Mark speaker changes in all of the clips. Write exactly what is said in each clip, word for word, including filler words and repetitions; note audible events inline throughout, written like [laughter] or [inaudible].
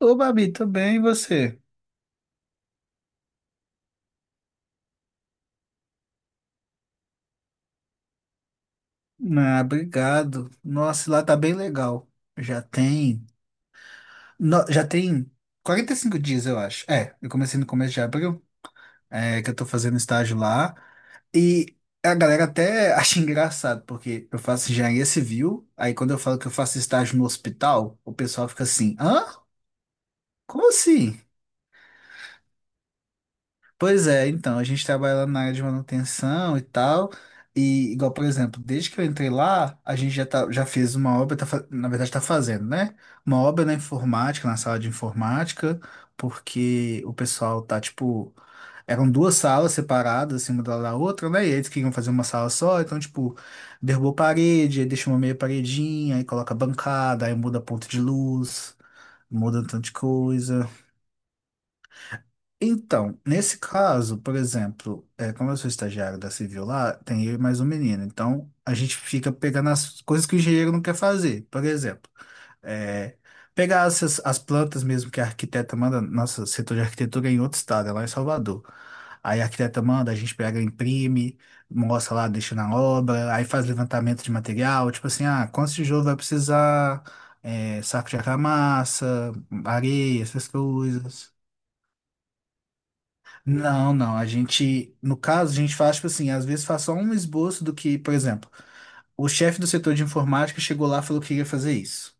Speaker 1: Ô, Babi, tudo bem, e você? Ah, obrigado. Nossa, lá tá bem legal. Já tem. No- já tem quarenta e cinco dias, eu acho. É, eu comecei no começo de abril, é, que eu tô fazendo estágio lá. E a galera até [laughs] acha engraçado, porque eu faço engenharia civil, aí quando eu falo que eu faço estágio no hospital, o pessoal fica assim: hã? Como assim? Pois é, então, a gente trabalha lá na área de manutenção e tal. E igual, por exemplo, desde que eu entrei lá, a gente já, tá, já fez uma obra, tá, fa- na verdade está fazendo, né? Uma obra na informática, na sala de informática, porque o pessoal tá, tipo, eram duas salas separadas, assim, uma da da outra, né? E eles queriam fazer uma sala só, então, tipo, derrubou parede, aí deixa uma meia paredinha, aí coloca bancada, aí muda ponto de luz, muda um tanto de coisa. Então, nesse caso, por exemplo, é, como eu sou estagiário da Civil lá, tem eu e mais um menino. Então, a gente fica pegando as coisas que o engenheiro não quer fazer. Por exemplo, é, pegar essas, as plantas mesmo que a arquiteta manda, nossa, setor de arquitetura é em outro estado, é lá em Salvador. Aí a arquiteta manda, a gente pega, imprime, mostra lá, deixa na obra, aí faz levantamento de material, tipo assim, ah, quantos tijolos vai precisar, é, saco de argamassa, areia, essas coisas. Não, não. A gente, no caso, a gente faz, tipo assim, às vezes faz só um esboço do que, por exemplo, o chefe do setor de informática chegou lá e falou que ia fazer isso,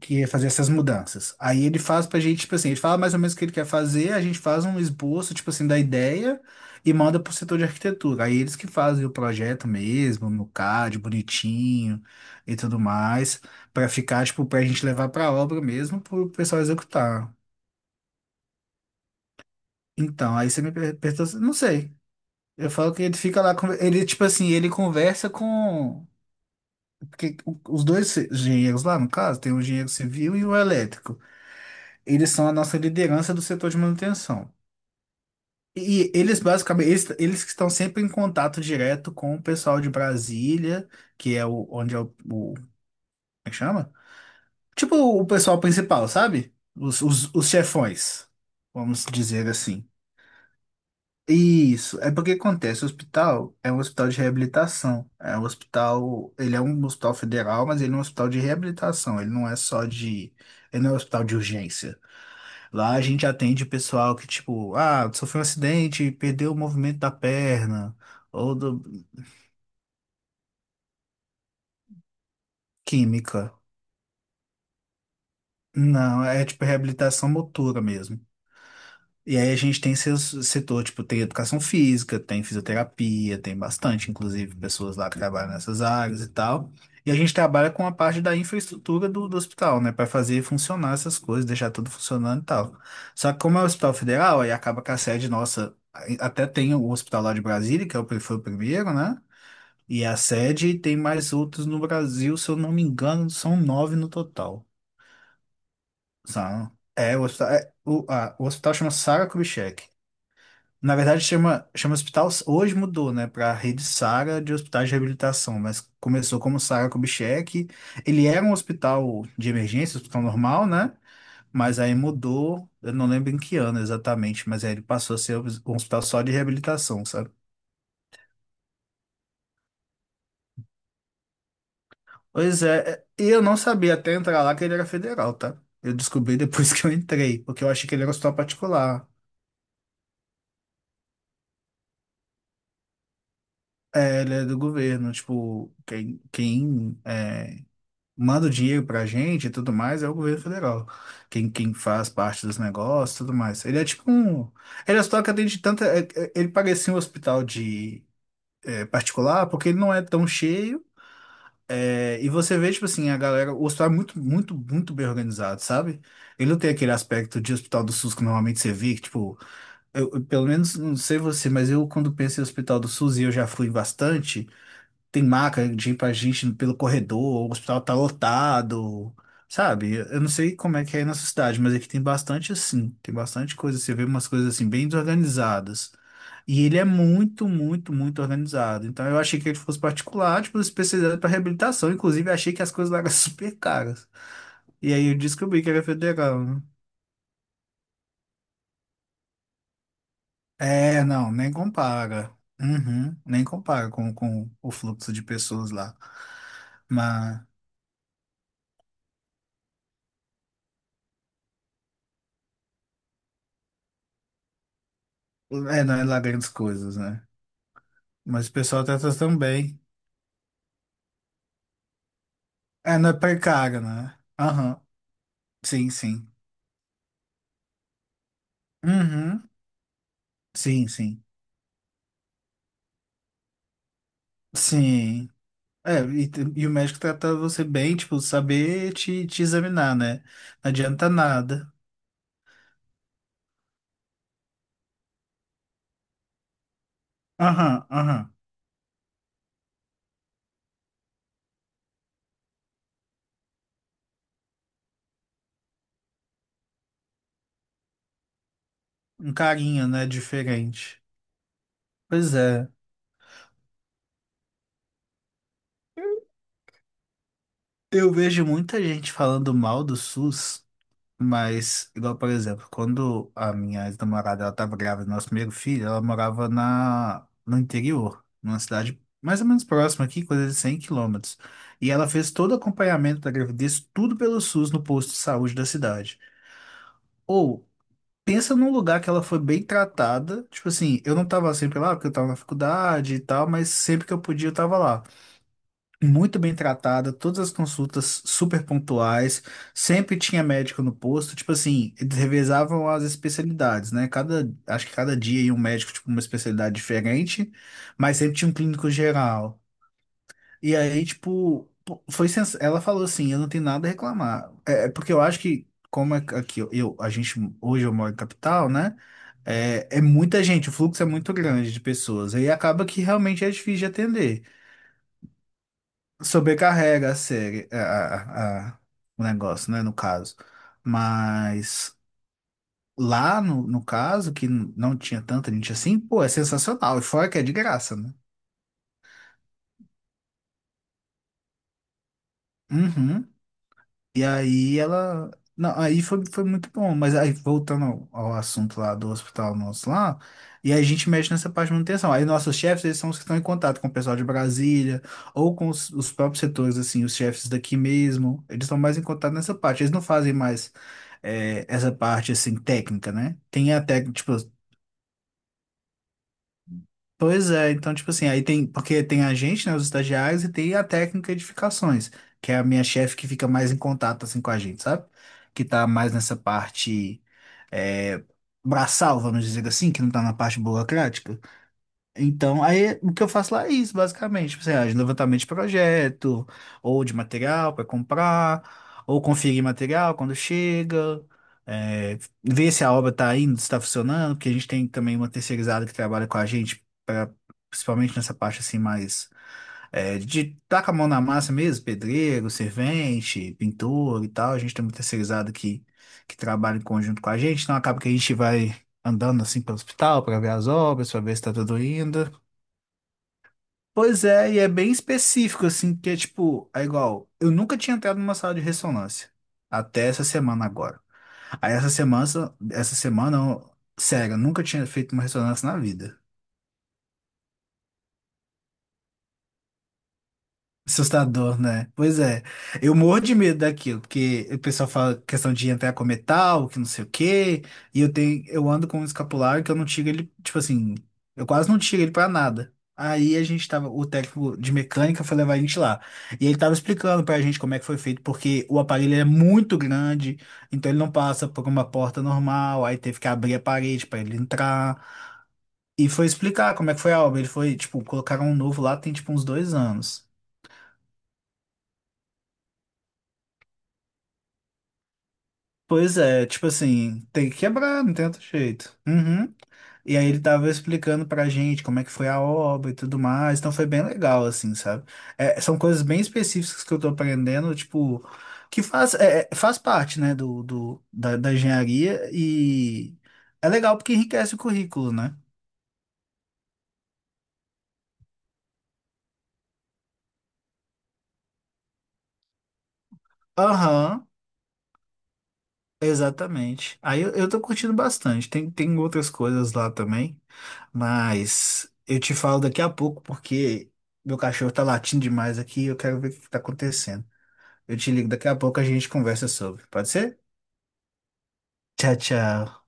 Speaker 1: que ia fazer essas mudanças. Aí ele faz pra gente, tipo assim, ele fala mais ou menos o que ele quer fazer, a gente faz um esboço, tipo assim, da ideia e manda pro setor de arquitetura. Aí eles que fazem o projeto mesmo, no CAD, bonitinho e tudo mais, pra ficar, tipo, pra gente levar pra obra mesmo, pro pessoal executar. Então, aí você me per- perguntou, não sei. Eu falo que ele fica lá, conver- ele, tipo assim, ele conversa com. Porque o- os dois engenheiros lá, no caso, tem o engenheiro civil e o elétrico. Eles são a nossa liderança do setor de manutenção. E eles, basicamente, eles, eles que estão sempre em contato direto com o pessoal de Brasília, que é o, onde é o, o- como é que chama? Tipo o pessoal principal, sabe? Os, os, os chefões, vamos dizer assim. Isso, é porque acontece, o hospital é um hospital de reabilitação, é um hospital, ele é um hospital federal, mas ele é um hospital de reabilitação, ele não é só de, ele não é um hospital de urgência. Lá a gente atende pessoal que, tipo, ah, sofreu um acidente, perdeu o movimento da perna, ou do, química. Não, é tipo reabilitação motora mesmo. E aí a gente tem seu setor, tipo, tem educação física, tem fisioterapia, tem bastante, inclusive, pessoas lá que trabalham nessas áreas e tal. E a gente trabalha com a parte da infraestrutura do, do hospital, né, para fazer funcionar essas coisas, deixar tudo funcionando e tal. Só que como é o Hospital Federal, aí acaba que a sede nossa, aí até tem o hospital lá de Brasília, que é o, pri- foi o primeiro, né? E a sede e tem mais outros no Brasil, se eu não me engano, são nove no total, sabe? É, o hospital, é, o, a- o hospital chama Sara Kubitschek. Na verdade, chama, chama hospital. Hoje mudou, né, para Rede Sara de Hospitais de Reabilitação, mas começou como Sara Kubitschek. Ele era um hospital de emergência, hospital normal, né? Mas aí mudou, eu não lembro em que ano exatamente, mas aí ele passou a ser um hospital só de reabilitação, sabe? Pois é, e eu não sabia até entrar lá que ele era federal, tá? Eu descobri depois [laughs] que eu entrei, porque eu achei que ele era um hospital particular. É, ele é do governo, tipo, quem, quem é, manda o dinheiro pra gente e tudo mais é o governo federal. Quem, quem faz parte dos negócios e tudo mais. Ele é tipo um. Ele é só que atende tanta. é- é- Ele parecia um hospital de é, particular, porque ele não é tão cheio. É, e você vê, tipo assim, a galera. O hospital é muito, muito, muito bem organizado, sabe? Ele não tem aquele aspecto de hospital do SUS que normalmente você vê, que, tipo, eu, eu, pelo menos não sei você, mas eu quando penso em hospital do SUS e eu já fui em bastante, tem maca de ir pra gente pelo corredor, o hospital tá lotado, sabe? Eu não sei como é que é aí na sua cidade, mas aqui tem bastante assim, tem bastante coisa, você vê umas coisas assim bem desorganizadas. E ele é muito, muito, muito organizado. Então eu achei que ele fosse particular, tipo, especializado para reabilitação. Inclusive, achei que as coisas lá eram [laughs] super caras. E aí eu descobri que era federal, né? É, não, nem compara. Uhum, nem compara com, com o fluxo de pessoas lá. Mas é, não é lá grandes coisas, né? Mas o pessoal trata também. É, não é precário, né? Aham. Sim, sim. Uhum. Sim, sim. Sim. É, e, t- e o médico trata você bem, tipo, saber te, te examinar, né? Não adianta nada. Aham, aham. Um carinho, né? Diferente. Pois é. Eu vejo muita gente falando mal do SUS. Mas, igual, por exemplo, quando a minha ex-namorada ela estava grávida do nosso primeiro filho, ela morava na, no interior, numa cidade mais ou menos próxima aqui, coisa de cem quilômetros. E ela fez todo o acompanhamento da gravidez, tudo pelo SUS no posto de saúde da cidade. Ou, pensa num lugar que ela foi bem tratada, tipo assim, eu não estava sempre lá porque eu estava na faculdade e tal, mas sempre que eu podia eu estava lá muito bem tratada, todas as consultas super pontuais, sempre tinha médico no posto, tipo assim, eles revezavam as especialidades, né? Cada, acho que cada dia ia um médico, tipo, uma especialidade diferente, mas sempre tinha um clínico geral. E aí, tipo, pô, foi sens... ela falou assim, eu não tenho nada a reclamar. É é porque eu acho que, como é que aqui, eu, eu- a gente, hoje eu moro em capital, né? É, é muita gente, o fluxo é muito grande de pessoas, aí acaba que realmente é difícil de atender. Sobrecarrega a série, a, a- a- o negócio, né, no caso. Mas lá, no, no caso, que n- não tinha tanta gente assim, pô, é sensacional. E fora que é de graça, né? Uhum. E aí ela. Não, aí foi, foi muito bom, mas aí voltando ao, ao assunto lá do hospital nosso lá, e aí a gente mexe nessa parte de manutenção. Aí nossos chefes, eles são os que estão em contato com o pessoal de Brasília, ou com os, os próprios setores, assim, os chefes daqui mesmo, eles estão mais em contato nessa parte, eles não fazem mais eh, essa parte, assim, técnica, né? Tem a técnica, tipo, pois é, então, tipo assim, aí tem, porque tem a gente, né, os estagiários, e tem a técnica de edificações, que é a minha chefe que fica mais em contato, assim, com a gente, sabe? Que tá mais nessa parte, é, braçal, vamos dizer assim, que não tá na parte burocrática. Então, aí o que eu faço lá é isso, basicamente. Tipo assim, ah, de levantamento de projeto, ou de material para comprar, ou conferir material quando chega, é, ver se a obra está indo, se está funcionando, porque a gente tem também uma terceirizada que trabalha com a gente, pra, principalmente nessa parte assim, mais é, de tá com a mão na massa mesmo, pedreiro, servente, pintor e tal. A gente tem uma terceirizada que, que trabalha em conjunto com a gente, então acaba que a gente vai andando assim pelo hospital para ver as obras, para ver se está tudo indo. Pois é, e é bem específico, assim, que é tipo, é igual, eu nunca tinha entrado numa sala de ressonância, até essa semana agora. Aí essa semana, essa semana, eu- sério, eu nunca tinha feito uma ressonância na vida. Assustador, né? Pois é. Eu morro de medo daquilo, porque o pessoal fala questão de entrar com metal, que não sei o quê, e eu tenho, eu ando com um escapulário que eu não tiro ele, tipo assim, eu quase não tiro ele pra nada. Aí a gente tava, o técnico de mecânica foi levar a gente lá. E ele tava explicando pra gente como é que foi feito, porque o aparelho é muito grande, então ele não passa por uma porta normal, aí teve que abrir a parede pra ele entrar. E foi explicar como é que foi a obra. Ele foi, tipo, colocaram um novo lá, tem tipo uns dois anos. Pois é, tipo assim, tem que quebrar, não tem outro jeito. Uhum. E aí ele tava explicando pra gente como é que foi a obra e tudo mais, então foi bem legal, assim, sabe? É, são coisas bem específicas que eu tô aprendendo, tipo, que faz, é, é, faz parte, né, do, do, da, da engenharia e é legal porque enriquece o currículo, né? Aham. Exatamente. Aí eu, eu tô curtindo bastante. Tem, tem outras coisas lá também, mas eu te falo daqui a pouco porque meu cachorro tá latindo demais aqui e eu quero ver o que tá acontecendo. Eu te ligo daqui a pouco, a gente conversa sobre. Pode ser? Tchau, tchau.